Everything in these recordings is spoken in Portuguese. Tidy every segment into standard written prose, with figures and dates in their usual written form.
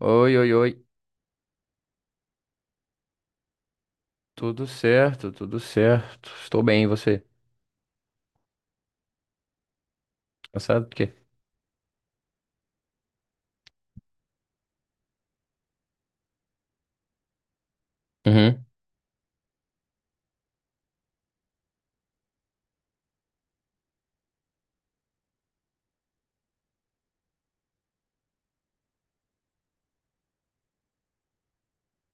Oi, oi, oi. Tudo certo, tudo certo. Estou bem, e você? Cansado do quê? Uhum.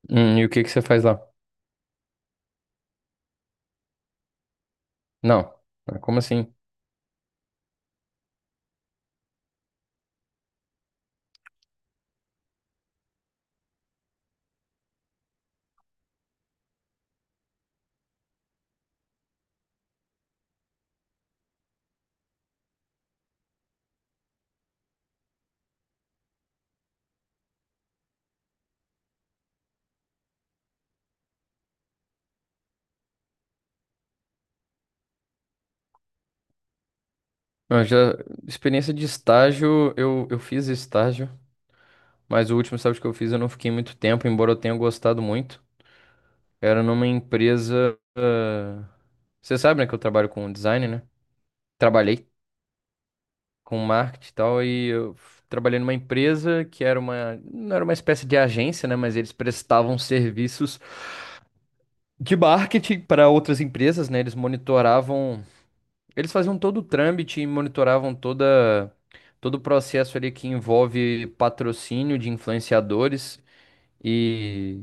E o que que você faz lá? Não. Ah, como assim? Eu já experiência de estágio, eu fiz estágio, mas o último estágio que eu fiz eu não fiquei muito tempo, embora eu tenha gostado muito. Era numa empresa. Você sabe, né, que eu trabalho com design, né? Trabalhei com marketing e tal, e trabalhei numa empresa que era uma, não era uma espécie de agência, né, mas eles prestavam serviços de marketing para outras empresas, né? Eles monitoravam, eles faziam todo o trâmite e monitoravam toda todo o processo ali que envolve patrocínio de influenciadores e,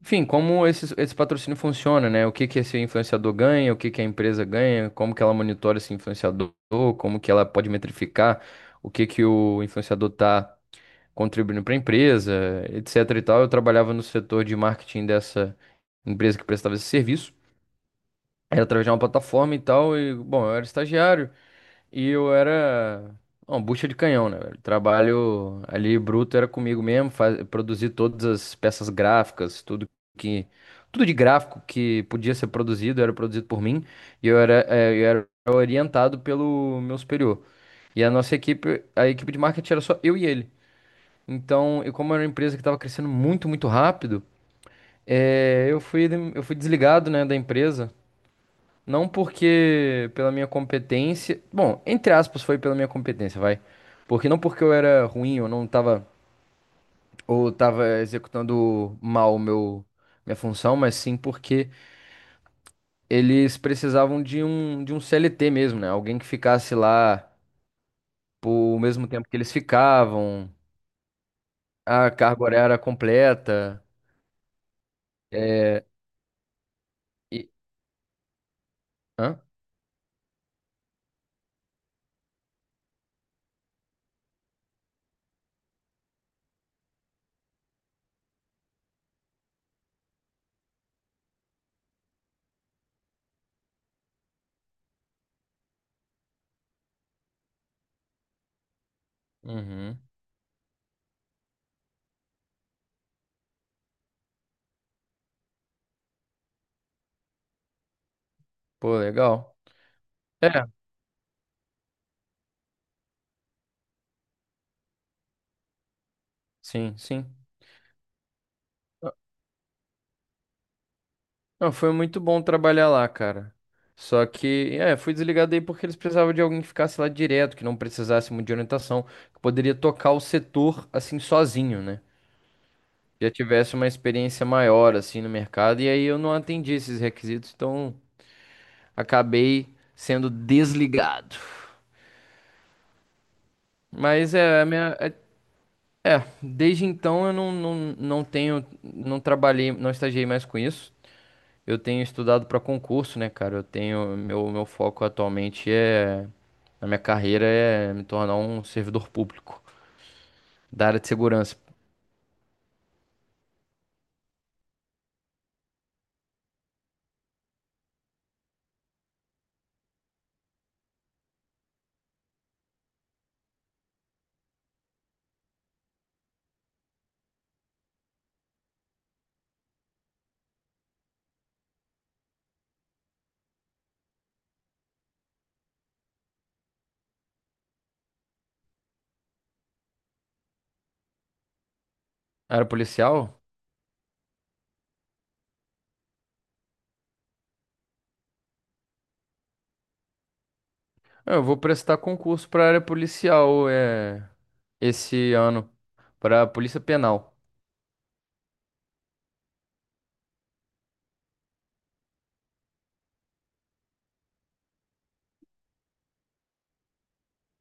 enfim, como esse patrocínio funciona, né? O que que esse influenciador ganha, o que que a empresa ganha, como que ela monitora esse influenciador, como que ela pode metrificar o que que o influenciador tá contribuindo para a empresa, etc e tal. Eu trabalhava no setor de marketing dessa empresa que prestava esse serviço. Era através de uma plataforma e tal, e, bom, eu era estagiário e eu era uma bucha de canhão, né, velho? Trabalho ali bruto era comigo mesmo, faz, produzir todas as peças gráficas, que, tudo de gráfico que podia ser produzido, era produzido por mim, e eu era orientado pelo meu superior. E a nossa equipe, a equipe de marketing era só eu e ele. Então, eu como era uma empresa que estava crescendo muito, muito rápido, eh, eu fui, eu fui desligado, né, da empresa não porque pela minha competência. Bom, entre aspas, foi pela minha competência, vai. Porque não porque eu era ruim, eu não tava. Ou tava executando mal minha função, mas sim porque eles precisavam de um CLT mesmo, né? Alguém que ficasse lá por o mesmo tempo que eles ficavam, a carga horária era completa. E. Hã? Uhum. Pô, legal. É, sim, sim. Não, foi muito bom trabalhar lá, cara. Só que, é, fui desligado aí porque eles precisavam de alguém que ficasse lá direto, que não precisasse muito de orientação, que poderia tocar o setor assim sozinho, né? Já tivesse uma experiência maior assim no mercado, e aí eu não atendi esses requisitos, então acabei sendo desligado. Mas é, a minha, é, é, Desde então eu não, não, não tenho, não trabalhei, não estagiei mais com isso. Eu tenho estudado para concurso, né, cara? Eu tenho meu foco atualmente é na minha carreira é me tornar um servidor público da área de segurança. Área policial? Ah, eu vou prestar concurso para área policial é esse ano para a Polícia Penal.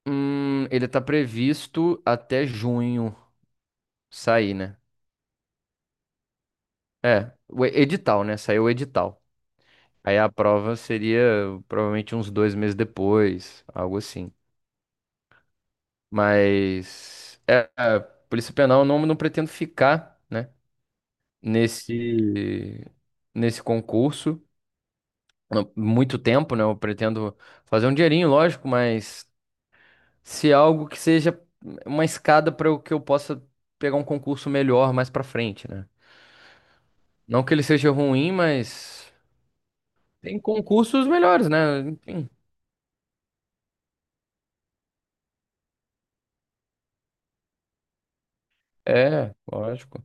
Ele tá previsto até junho sair, né? É, edital, né? Saiu o edital. Aí a prova seria provavelmente uns 2 meses depois, algo assim. Mas é, a Polícia Penal eu não, não pretendo ficar, né, nesse nesse concurso não, muito tempo, né? Eu pretendo fazer um dinheirinho, lógico, mas se algo que seja uma escada para o que eu possa pegar um concurso melhor mais para frente, né? Não que ele seja ruim, mas tem concursos melhores, né? Enfim, é, lógico.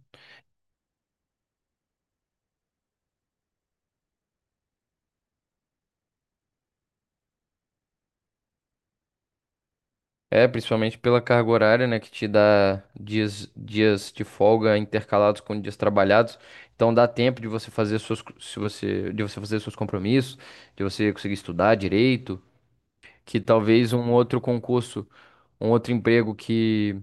É, principalmente pela carga horária, né, que te dá dias, dias de folga intercalados com dias trabalhados. Então dá tempo de você fazer suas, co- se você, de você fazer seus compromissos, de você conseguir estudar direito, que talvez um outro concurso, um outro emprego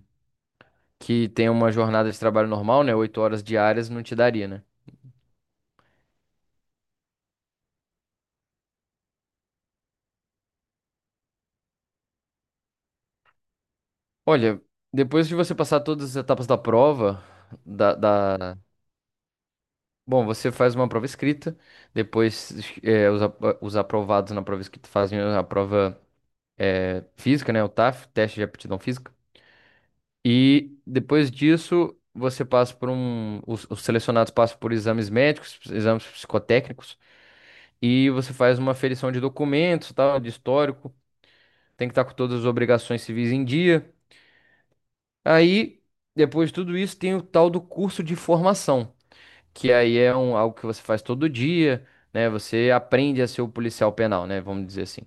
que tenha uma jornada de trabalho normal, né, 8 horas diárias, não te daria, né? Olha, depois de você passar todas as etapas da prova, da, da bom, você faz uma prova escrita, depois os aprovados na prova escrita fazem a prova física, né? O TAF, teste de aptidão física. E depois disso, você passa por um. Os selecionados passam por exames médicos, exames psicotécnicos, e você faz uma aferição de documentos, tal, de histórico. Tem que estar com todas as obrigações civis em dia. Aí, depois de tudo isso, tem o tal do curso de formação. Que aí é um, algo que você faz todo dia, né? Você aprende a ser o policial penal, né? Vamos dizer assim.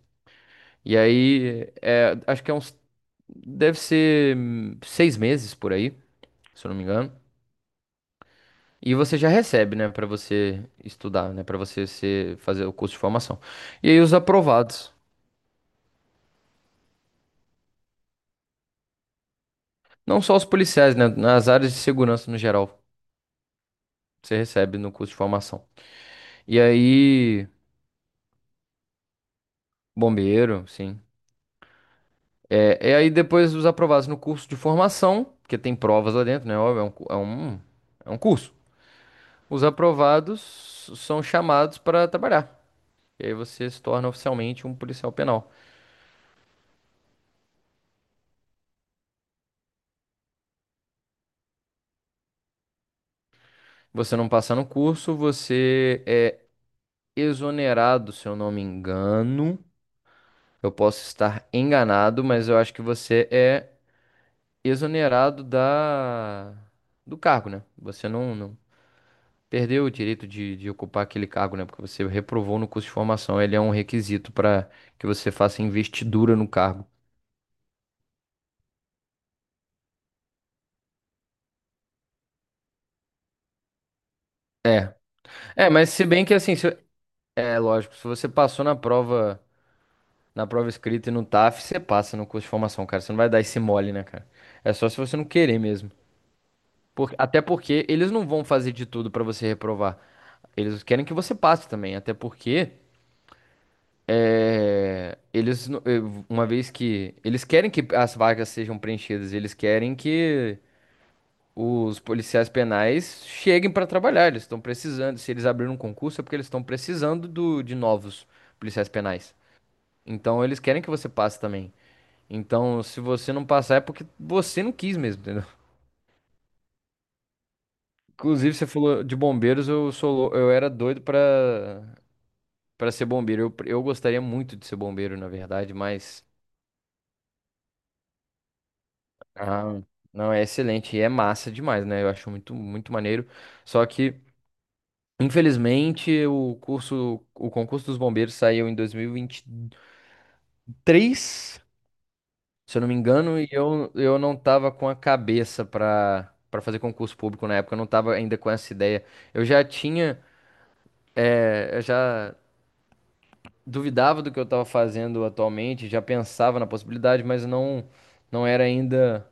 E aí, é, acho que é uns, deve ser 6 meses por aí, se eu não me engano. E você já recebe, né, pra você estudar, né, pra você ser, fazer o curso de formação. E aí os aprovados, não só os policiais, né, nas áreas de segurança no geral, você recebe no curso de formação. E aí, bombeiro, sim. É, e aí depois os aprovados no curso de formação, porque tem provas lá dentro, né? Óbvio, é um curso. Os aprovados são chamados para trabalhar. E aí você se torna oficialmente um policial penal. Você não passa no curso, você é exonerado, se eu não me engano. Eu posso estar enganado, mas eu acho que você é exonerado da do cargo, né? Você não, não, perdeu o direito de ocupar aquele cargo, né? Porque você reprovou no curso de formação. Ele é um requisito para que você faça investidura no cargo. É. É, mas se bem que assim, é lógico, se você passou na prova escrita e no TAF, você passa no curso de formação, cara. Você não vai dar esse mole, né, cara? É só se você não querer mesmo. Até porque eles não vão fazer de tudo pra você reprovar. Eles querem que você passe também, até porque É, eles, no- eh, uma vez que eles querem que as vagas sejam preenchidas, eles querem que os policiais penais cheguem para trabalhar. Eles estão precisando. Se eles abriram um concurso, é porque eles estão precisando de novos policiais penais. Então eles querem que você passe também. Então, se você não passar, é porque você não quis mesmo, entendeu? Inclusive, você falou de bombeiros, eu era doido para para ser bombeiro. Eu gostaria muito de ser bombeiro, na verdade, mas ah, não, é excelente e é massa demais, né? Eu acho muito, muito maneiro. Só que, infelizmente, o concurso dos bombeiros saiu em dois mil e vinte e três, se eu não me engano, e eu não tava com a cabeça pra para fazer concurso público na época, eu não tava ainda com essa ideia. Eu já tinha, eu já duvidava do que eu tava fazendo atualmente, já pensava na possibilidade, mas não, não era ainda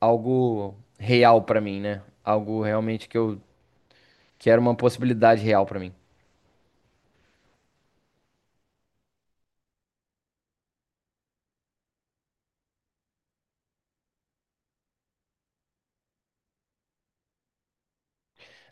algo real pra mim, né? Algo realmente que eu que era uma possibilidade real pra mim.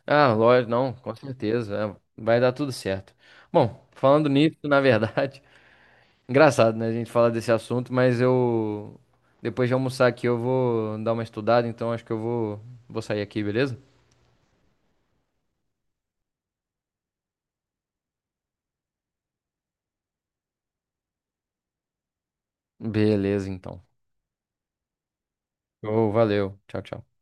Ah, lógico, não, com certeza, é, vai dar tudo certo. Bom, falando nisso, na verdade, engraçado, né, a gente falar desse assunto, mas eu depois de almoçar aqui eu vou dar uma estudada, então acho que eu vou vou sair aqui, beleza? Beleza, então. Ô, valeu. Tchau, tchau.